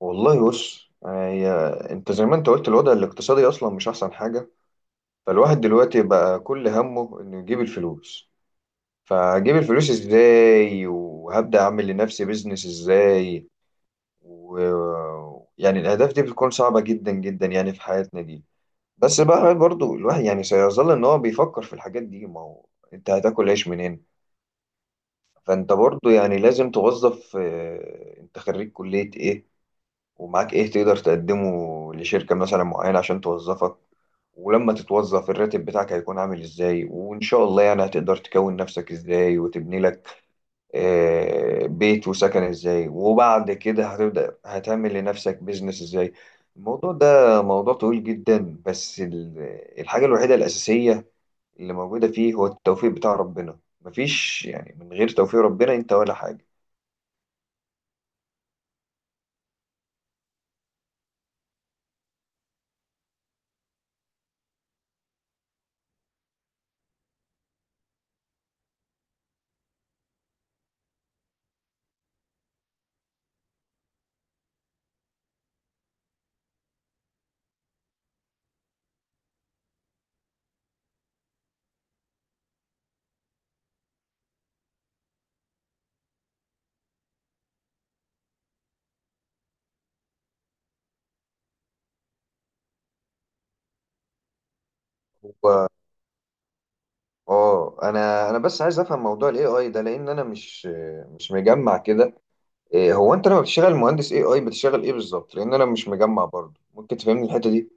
والله بص، هي انت زي ما انت قلت الوضع الاقتصادي اصلا مش احسن حاجه. فالواحد دلوقتي بقى كل همه انه يجيب الفلوس. فهجيب الفلوس ازاي وهبدا اعمل لنفسي بيزنس ازاي و يعني الاهداف دي بتكون صعبه جدا جدا يعني في حياتنا دي. بس بقى برضو الواحد يعني سيظل ان هو بيفكر في الحاجات دي، ما هو انت هتاكل عيش منين؟ فانت برضو يعني لازم توظف، انت خريج كليه ايه؟ ومعاك ايه تقدر تقدمه لشركة مثلا معينة عشان توظفك؟ ولما تتوظف الراتب بتاعك هيكون عامل ازاي؟ وان شاء الله يعني هتقدر تكون نفسك ازاي وتبني لك بيت وسكن ازاي. وبعد كده هتبدأ هتعمل لنفسك بيزنس ازاي. الموضوع ده موضوع طويل جدا، بس الحاجة الوحيدة الأساسية اللي موجودة فيه هو التوفيق بتاع ربنا. مفيش يعني من غير توفيق ربنا انت ولا حاجة. هو اه، انا بس عايز افهم موضوع الاي اي ده لان انا مش مجمع كده. إيه هو انت لما بتشتغل مهندس اي اي بتشتغل ايه بالظبط؟ لان انا مش مجمع برضه. ممكن تفهمني الحته دي؟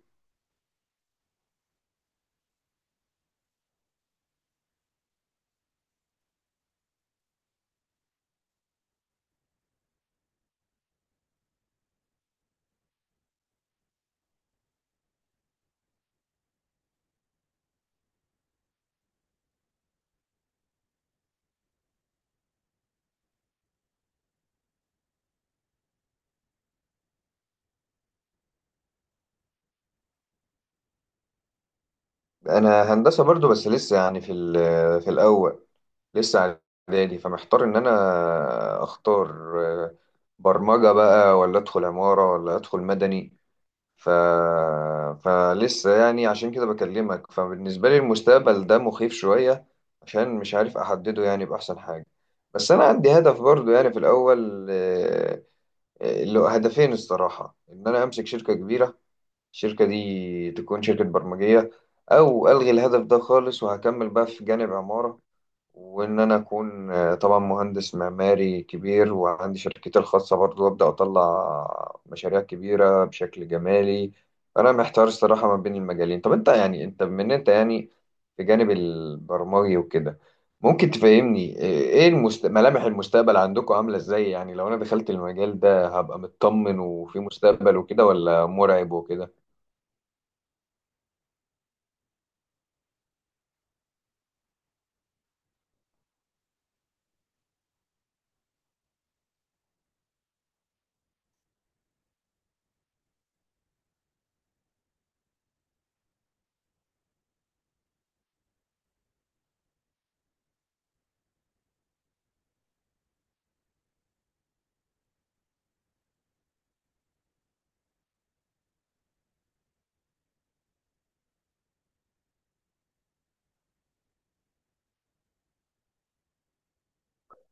انا هندسه برضه، بس لسه يعني في في الاول، لسه اعدادي. فمحتار ان انا اختار، آه، برمجه بقى، ولا ادخل عماره، ولا ادخل مدني. ف... فلسه يعني عشان كده بكلمك. فبالنسبة لي المستقبل ده مخيف شوية، عشان مش عارف أحدده يعني بأحسن حاجة. بس أنا عندي هدف برضو يعني في الأول، اللي هو هدفين الصراحة، إن أنا أمسك شركة كبيرة، الشركة دي تكون شركة برمجية. أو ألغي الهدف ده خالص وهكمل بقى في جانب عمارة، وإن أنا أكون طبعا مهندس معماري كبير وعندي شركتي الخاصة برضو، وأبدأ أطلع مشاريع كبيرة بشكل جمالي. أنا محتار الصراحة ما بين المجالين. طب أنت يعني أنت بما إن أنت يعني في جانب البرمجي وكده، ممكن تفهمني إيه ملامح المستقبل عندكم عاملة إزاي؟ يعني لو أنا دخلت المجال ده هبقى مطمن وفي مستقبل وكده، ولا مرعب وكده؟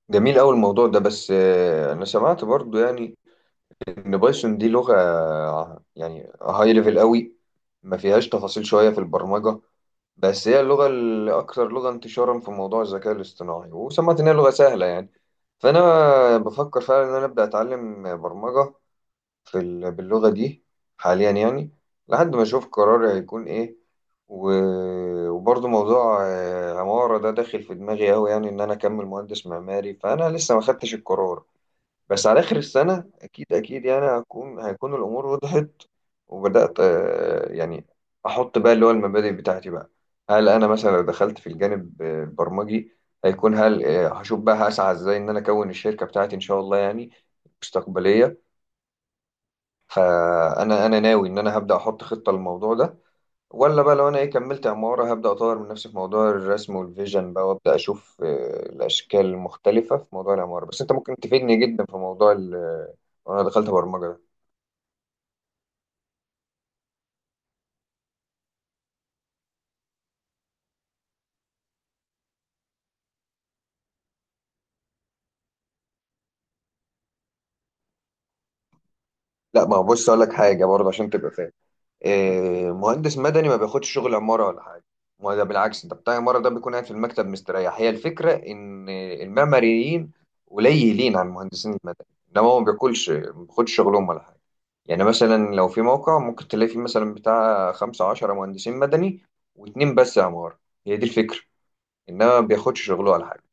جميل أوي الموضوع ده، بس أنا سمعت برضو يعني ان بايثون دي لغه يعني هاي ليفل قوي، ما فيهاش تفاصيل شويه في البرمجه. بس هي اللغه الاكثر لغه انتشارا في موضوع الذكاء الاصطناعي، وسمعت ان هي لغه سهله يعني. فانا بفكر فعلا ان انا ابدا اتعلم برمجه في باللغه دي حاليا يعني، لحد ما اشوف قراري هيكون ايه. وبرضه موضوع عمارة ده داخل في دماغي أوي، يعني إن أنا أكمل مهندس معماري. فأنا لسه ما خدتش القرار، بس على آخر السنة أكيد أكيد يعني هيكون الأمور وضحت. وبدأت يعني أحط بقى اللي هو المبادئ بتاعتي بقى. هل أنا مثلا لو دخلت في الجانب البرمجي، هل هشوف بقى هسعى إزاي إن أنا أكون الشركة بتاعتي إن شاء الله يعني مستقبلية؟ فأنا أنا ناوي إن أنا هبدأ أحط خطة للموضوع ده. ولا بقى لو انا ايه كملت عمارة، هبدأ اطور من نفسي في موضوع الرسم والفيجن بقى، وابدأ اشوف الاشكال المختلفة في موضوع العمارة. بس انت ممكن تفيدني جدا في موضوع وانا دخلت برمجة ده. لا ما هو بص اقول لك حاجة برضه عشان تبقى فاهم، إيه، مهندس مدني ما بياخدش شغل عمارة ولا حاجة. ما ده بالعكس، انت بتاع عمارة ده بيكون قاعد في المكتب مستريح. هي الفكرة ان المعماريين قليلين عن المهندسين المدني، انما هو ما بياكلش، ما بياخدش شغلهم ولا حاجة. يعني مثلا لو في موقع ممكن تلاقي فيه مثلا بتاع 15 مهندسين مدني، واتنين بس عمارة. هي دي الفكرة، انما ما بياخدش شغله ولا حاجة.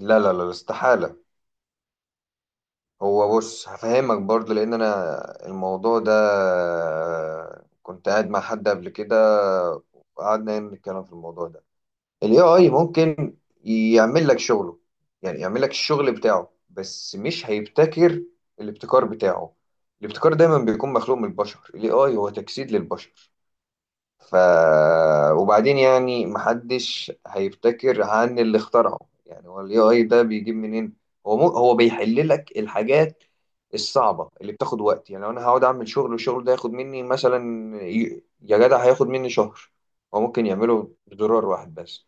لا لا لا، استحالة. هو بص هفهمك برضو، لان انا الموضوع ده كنت قاعد مع حد قبل كده، وقعدنا نتكلم في الموضوع ده. الاي اي ممكن يعمل لك شغله، يعني يعمل لك الشغل بتاعه، بس مش هيبتكر الابتكار بتاعه. الابتكار دايما بيكون مخلوق من البشر، الاي اي هو تجسيد للبشر. ف وبعدين يعني محدش هيفتكر عن اللي اخترعه. يعني هو الاي اي ده بيجيب منين؟ هو مو هو بيحل لك الحاجات الصعبه اللي بتاخد وقت. يعني لو انا هقعد اعمل شغل والشغل ده ياخد مني مثلا، يا جدع هياخد مني شهر، هو ممكن يعمله بزرار واحد بس.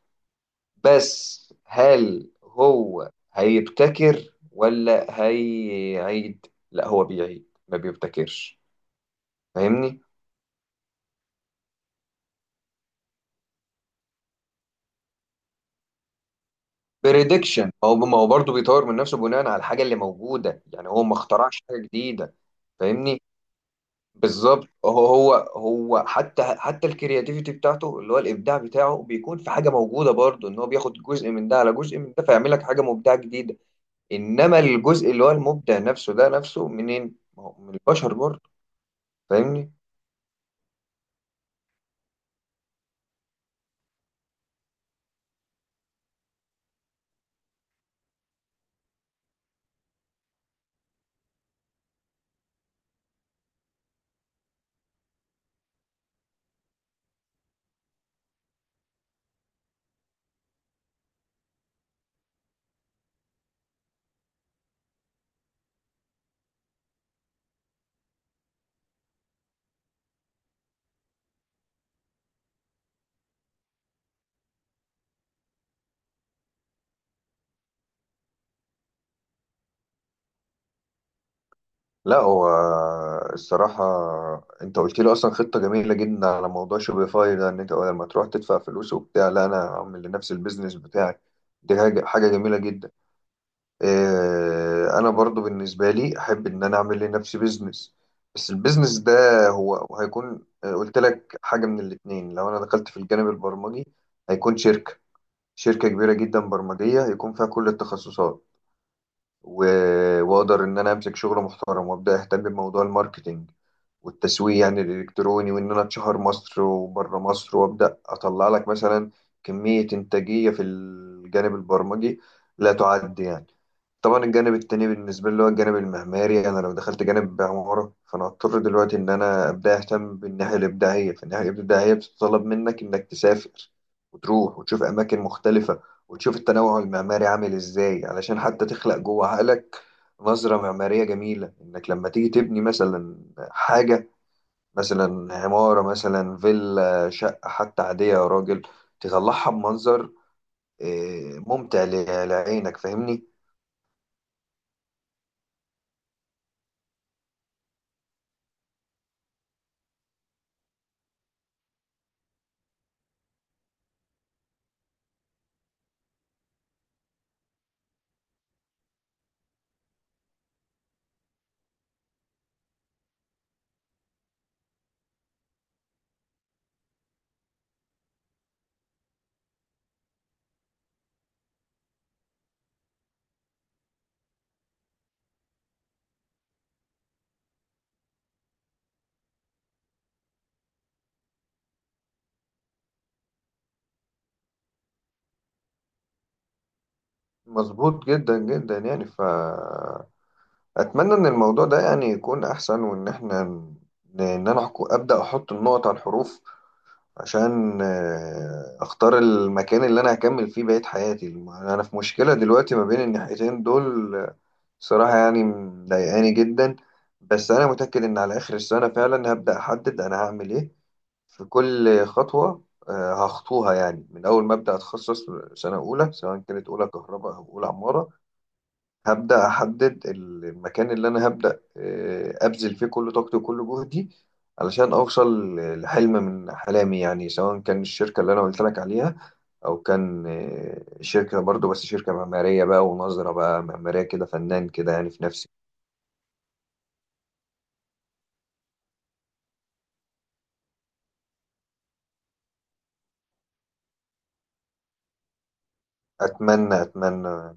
بس هل هو هيبتكر، ولا هيعيد؟ لا هو بيعيد ما بيبتكرش، فاهمني؟ بريدكشن، ما هو برضه بيطور من نفسه بناء على الحاجه اللي موجوده، يعني هو ما اخترعش حاجه جديده. فاهمني؟ بالظبط. هو هو حتى الكرياتيفيتي بتاعته اللي هو الابداع بتاعه بيكون في حاجه موجوده برضه، ان هو بياخد جزء من ده على جزء من ده، فيعمل لك حاجه مبدعه جديده. انما الجزء اللي هو المبدع نفسه ده، نفسه منين؟ ما هو من البشر برضه. فاهمني؟ لا هو الصراحة انت قلت لي اصلا خطة جميلة جدا على موضوع شوبيفاي ده، ان انت بدل ما تروح تدفع فلوس وبتاع، لا انا هعمل لنفسي البيزنس بتاعي. دي حاجة، حاجة جميلة جدا. اه انا برضو بالنسبة لي احب ان انا اعمل لنفسي بيزنس، بس البيزنس ده هو هيكون قلت لك حاجة من الاتنين. لو انا دخلت في الجانب البرمجي هيكون شركة كبيرة جدا برمجية هيكون فيها كل التخصصات، واقدر ان انا امسك شغل محترم، وابدا اهتم بموضوع الماركتينج والتسويق يعني الالكتروني، وان انا اتشهر مصر وبره مصر، وابدا اطلع لك مثلا كمية انتاجية في الجانب البرمجي لا تعد يعني. طبعا الجانب التاني بالنسبة لي اللي هو الجانب المعماري، أنا لو دخلت جانب عمارة فأنا هضطر دلوقتي إن أنا أبدأ أهتم بالناحية الإبداعية. فالناحية الإبداعية بتتطلب منك إنك تسافر وتروح وتشوف أماكن مختلفة، وتشوف التنوع المعماري عامل إزاي، علشان حتى تخلق جوه عقلك نظرة معمارية جميلة. إنك لما تيجي تبني مثلا حاجة، مثلا عمارة، مثلا فيلا، شقة حتى عادية يا راجل، تطلعها بمنظر ممتع لعينك. فاهمني؟ مظبوط جدا جدا يعني، فأتمنى إن الموضوع ده يعني يكون أحسن، وإن إحنا إن أنا أبدأ أحط النقط على الحروف، عشان أختار المكان اللي أنا هكمل فيه بقية حياتي. أنا في مشكلة دلوقتي ما بين الناحيتين دول، صراحة يعني مضايقاني جدا. بس أنا متأكد إن على آخر السنة فعلا هبدأ أحدد أنا هعمل إيه في كل خطوة هخطوها، يعني من أول ما أبدأ أتخصص سنة أولى، سواء كانت أولى كهرباء أو أولى عمارة، هبدأ أحدد المكان اللي أنا هبدأ أبذل فيه كل طاقتي وكل جهدي علشان أوصل لحلم من أحلامي. يعني سواء كان الشركة اللي أنا قلت لك عليها، أو كان شركة برضو، بس شركة معمارية بقى، ونظرة بقى معمارية كده فنان كده يعني في نفسي. أتمنى أتمنى.